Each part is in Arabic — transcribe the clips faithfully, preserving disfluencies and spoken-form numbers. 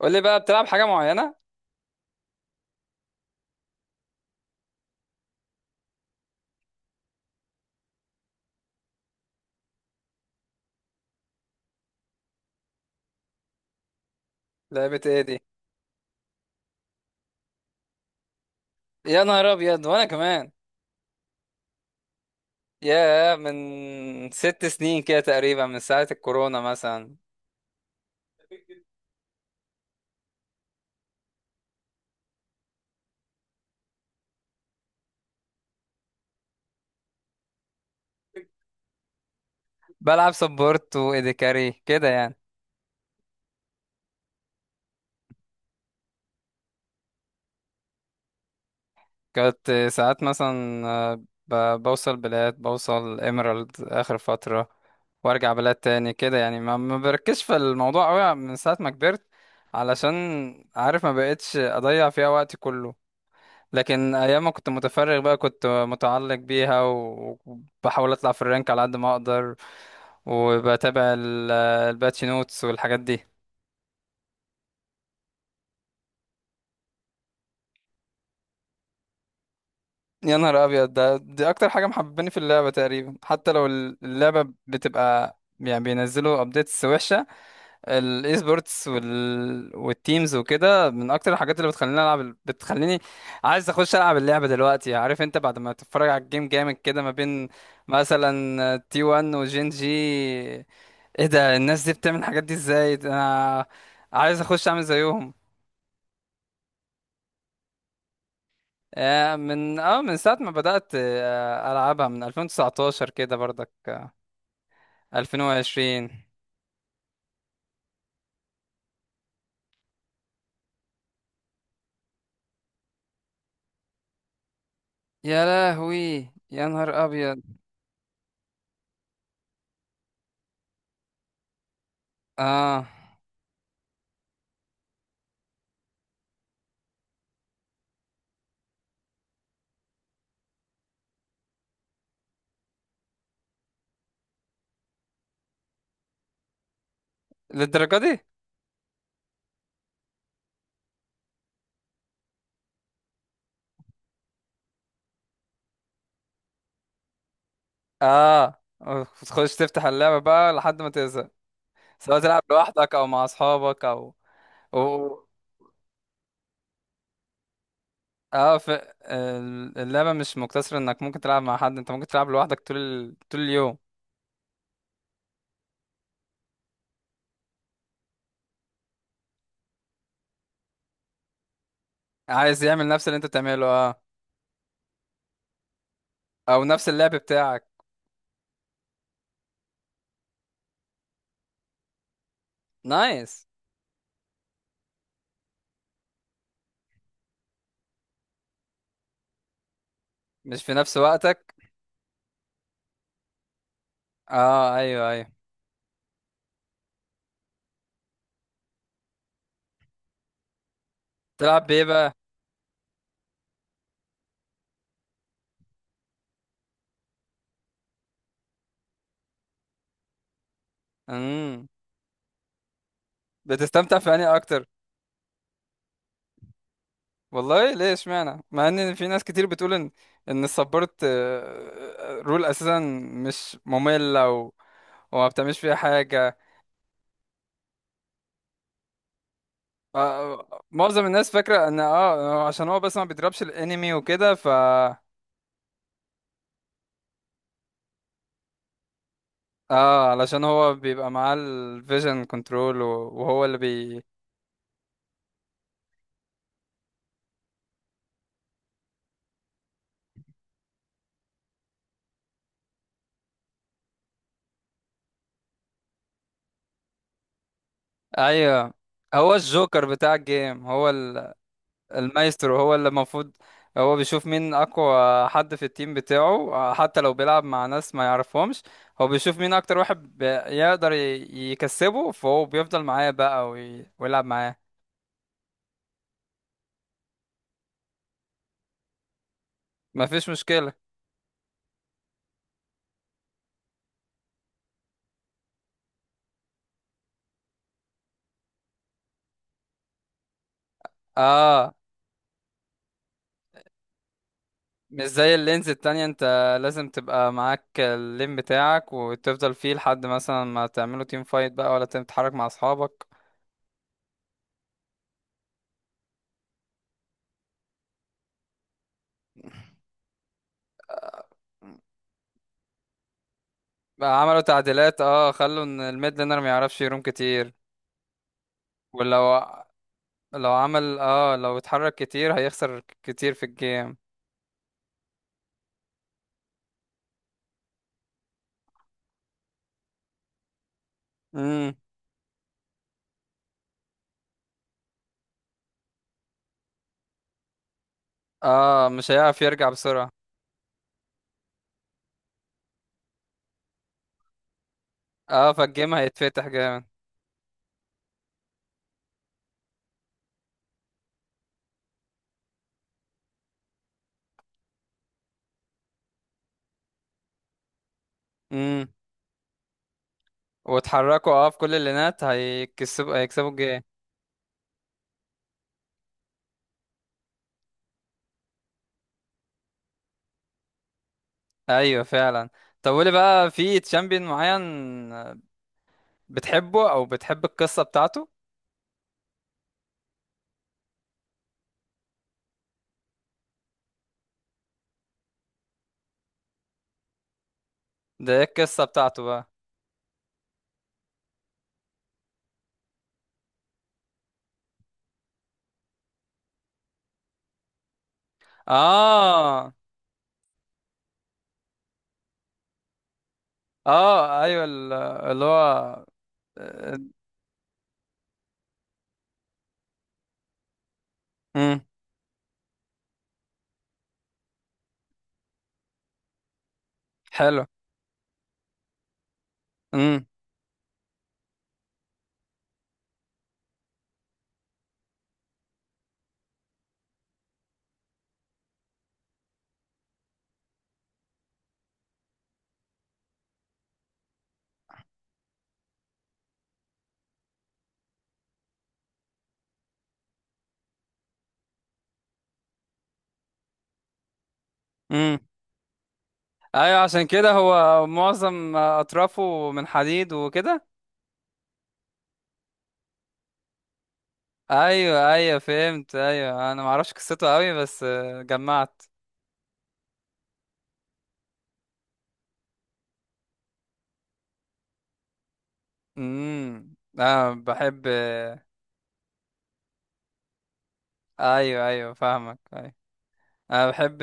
قول لي بقى بتلعب حاجة معينة؟ لعبة ايه دي؟ يا نهار ابيض وانا كمان. يا من ست سنين كده تقريبا، من ساعة الكورونا مثلا. بلعب سبورت وايدي كاري كده يعني. كنت ساعات مثلا آه، ب- بوصل بلاد، بوصل ايميرالد اخر فترة، وارجع بلاد تاني كده يعني. ما ما بركزش في الموضوع قوي من ساعة ما كبرت، علشان عارف ما بقتش اضيع فيها وقتي كله. لكن ايام ما كنت متفرغ بقى كنت متعلق بيها و- وبحاول اطلع في الرانك على قد ما اقدر. وبتابع ال- الباتش نوتس والحاجات دي. يا نهار ابيض، ده دي اكتر حاجه محبباني في اللعبه تقريبا، حتى لو اللعبه بتبقى يعني بينزلوا ابديتس وحشه. الاي سبورتس وال... والتيمز وكده من اكتر الحاجات اللي بتخليني العب، بتخليني عايز اخش العب اللعبه دلوقتي. عارف، انت بعد ما تتفرج على الجيم جامد كده ما بين مثلا تي 1 وجين جي، ايه ده، الناس دي بتعمل الحاجات دي ازاي، ده انا عايز اخش اعمل زيهم. آه، من اه من ساعة ما بدأت آه، العبها، من الفين وتسعتاشر كده برضك، آه، الفين وعشرين. يا لهوي، يا نهار ابيض. اه. للدرجة دي؟ اه، تخش تفتح اللعبة بقى لحد ما تزهق. سواء تلعب لوحدك او مع اصحابك او و... اه ف... ال- اللعبة مش مقتصرة انك ممكن تلعب مع حد، انت ممكن تلعب لوحدك طول ال... طول اليوم. عايز يعمل نفس اللي انت بتعمله، اه. او نفس اللعب بتاعك. نايس. مش في نفس وقتك. اه، ايوه، ايوه. تلعب بايه بقى؟ امم. بتستمتع في انهي اكتر؟ والله، ليه اشمعنى، مع ان في ناس كتير بتقول ان، ان السبورت آه، آه، رول اساسا مش مملة و... وما بتعملش فيها حاجة. آه، آه، معظم الناس فاكرة ان اه آه، عشان هو بس ما بيضربش الانمي وكده ف اه علشان هو بيبقى معاه الفيجن كنترول وهو اللي بي. ايوه، هو الجوكر بتاع الجيم، هو ال- المايسترو، هو اللي المفروض هو بيشوف مين اقوى حد في التيم بتاعه، حتى لو بيلعب مع ناس ما يعرفهمش. هو بيشوف مين اكتر واحد بي- يقدر ي- يكسبه، فهو بيفضل معاه بقى وي- ويلعب معاه. مفيش مشكلة. اه، مش زي اللينز التانية، انت لازم تبقى معاك اللين بتاعك وتفضل فيه لحد مثلا ما تعملوا تيم فايت بقى، ولا تتحرك مع اصحابك. بقى عملوا تعديلات، اه، خلوا ان الميد لينر ما يعرفش يروم كتير. ولو، لو عمل اه، لو اتحرك كتير هيخسر كتير في الجيم. امم. اه، مش هيعرف يرجع بسرعة. اه، فالجيم هيتفتح جامد. امم، واتحركوا اه في كل اللينات هيكسبوا، هيكسبوا الجيم. ايوه، فعلا. طب، قولي بقى، في تشامبيون معين بتحبه او بتحب القصة بتاعته؟ ده ايه القصة بتاعته بقى؟ اه. اه، ايوه ال- اللي هو. مم. حلو. امم. امم. ايوه، عشان كده هو معظم اطرافه من حديد وكده. ايوه، ايوه، فهمت، ايوه، انا ما اعرفش قصته قوي بس آه، جمعت. امم، انا بحب آه، ايوه، ايوه، فاهمك، ايوه. انا بحب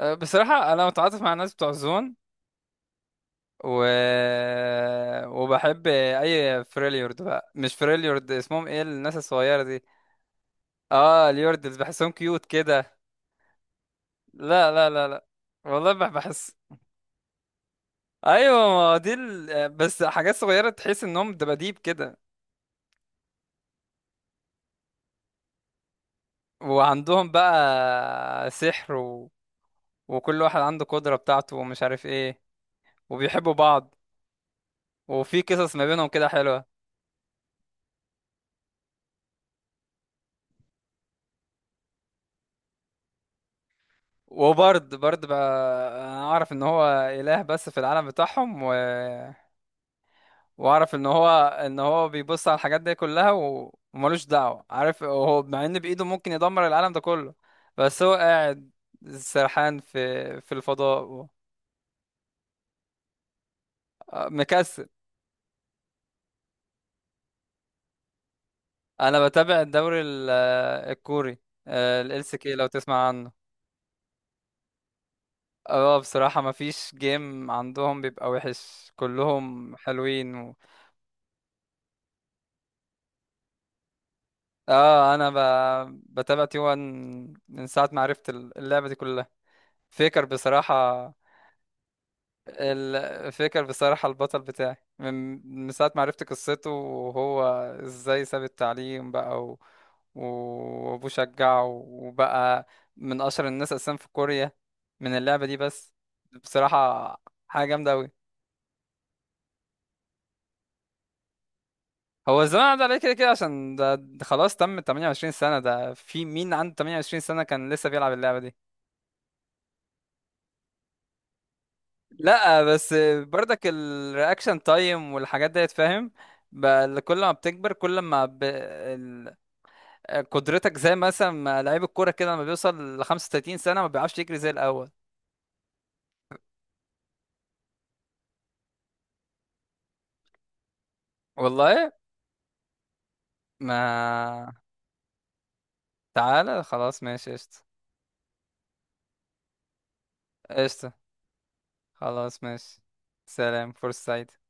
آه، بصراحه انا متعاطف مع الناس بتوع زون و... وبحب اي فريليورد بقى، مش فريليورد، اسمهم ايه، الناس الصغيره دي؟ اه، اليوردز بحسهم كيوت كده. لا، لا، لا، لا، والله بح- بحس. ايوه، ما هو دي ال... بس حاجات صغيره تحس انهم دباديب كده. وعندهم بقى سحر و... وكل واحد عنده قدره بتاعته ومش عارف ايه. وبيحبوا بعض. وفي قصص ما بينهم كده حلوه. وبرد، برد بقى انا اعرف ان هو اله بس في العالم بتاعهم و... واعرف ان هو، ان هو بيبص على الحاجات دي كلها و... وملوش دعوه، عارف، هو مع ان بايده ممكن يدمر العالم ده كله، بس هو قاعد سرحان في في الفضاء، مكسل. انا بتابع الدوري ال- الكوري، آه، ال سي، لو تسمع عنه. اه، بصراحة ما فيش جيم عندهم بيبقى وحش، كلهم حلوين و... اه، انا ب... بتابع تي 1 من ساعة ما عرفت ال- اللعبة دي كلها. فيكر بصراحة، الفكر بصراحة البطل بتاعي، من من ساعة ما عرفت قصته، وهو ازاي ساب التعليم بقى و... وابوه شجعه وبقى من اشهر الناس اساسا في كوريا من اللعبة دي بس، بصراحة حاجة جامدة اوي. هو الزمن عدى عليه كده كده، عشان ده ده خلاص تم 28 سنة، ده في مين عنده 28 سنة كان لسه بيلعب اللعبة دي. لا، بس برضك الرياكشن تايم والحاجات ديت، فاهم. بقى كل ما بتكبر كل ما ب... قدرتك، زي مثلا ما لعيب الكوره كده لما بيوصل ل 35 سنه ما بيعرفش يجري زي الاول. والله ما. تعالى خلاص، ماشي، قشطه. قشطه. خلاص ماشي. سلام، فرصه سعيدة.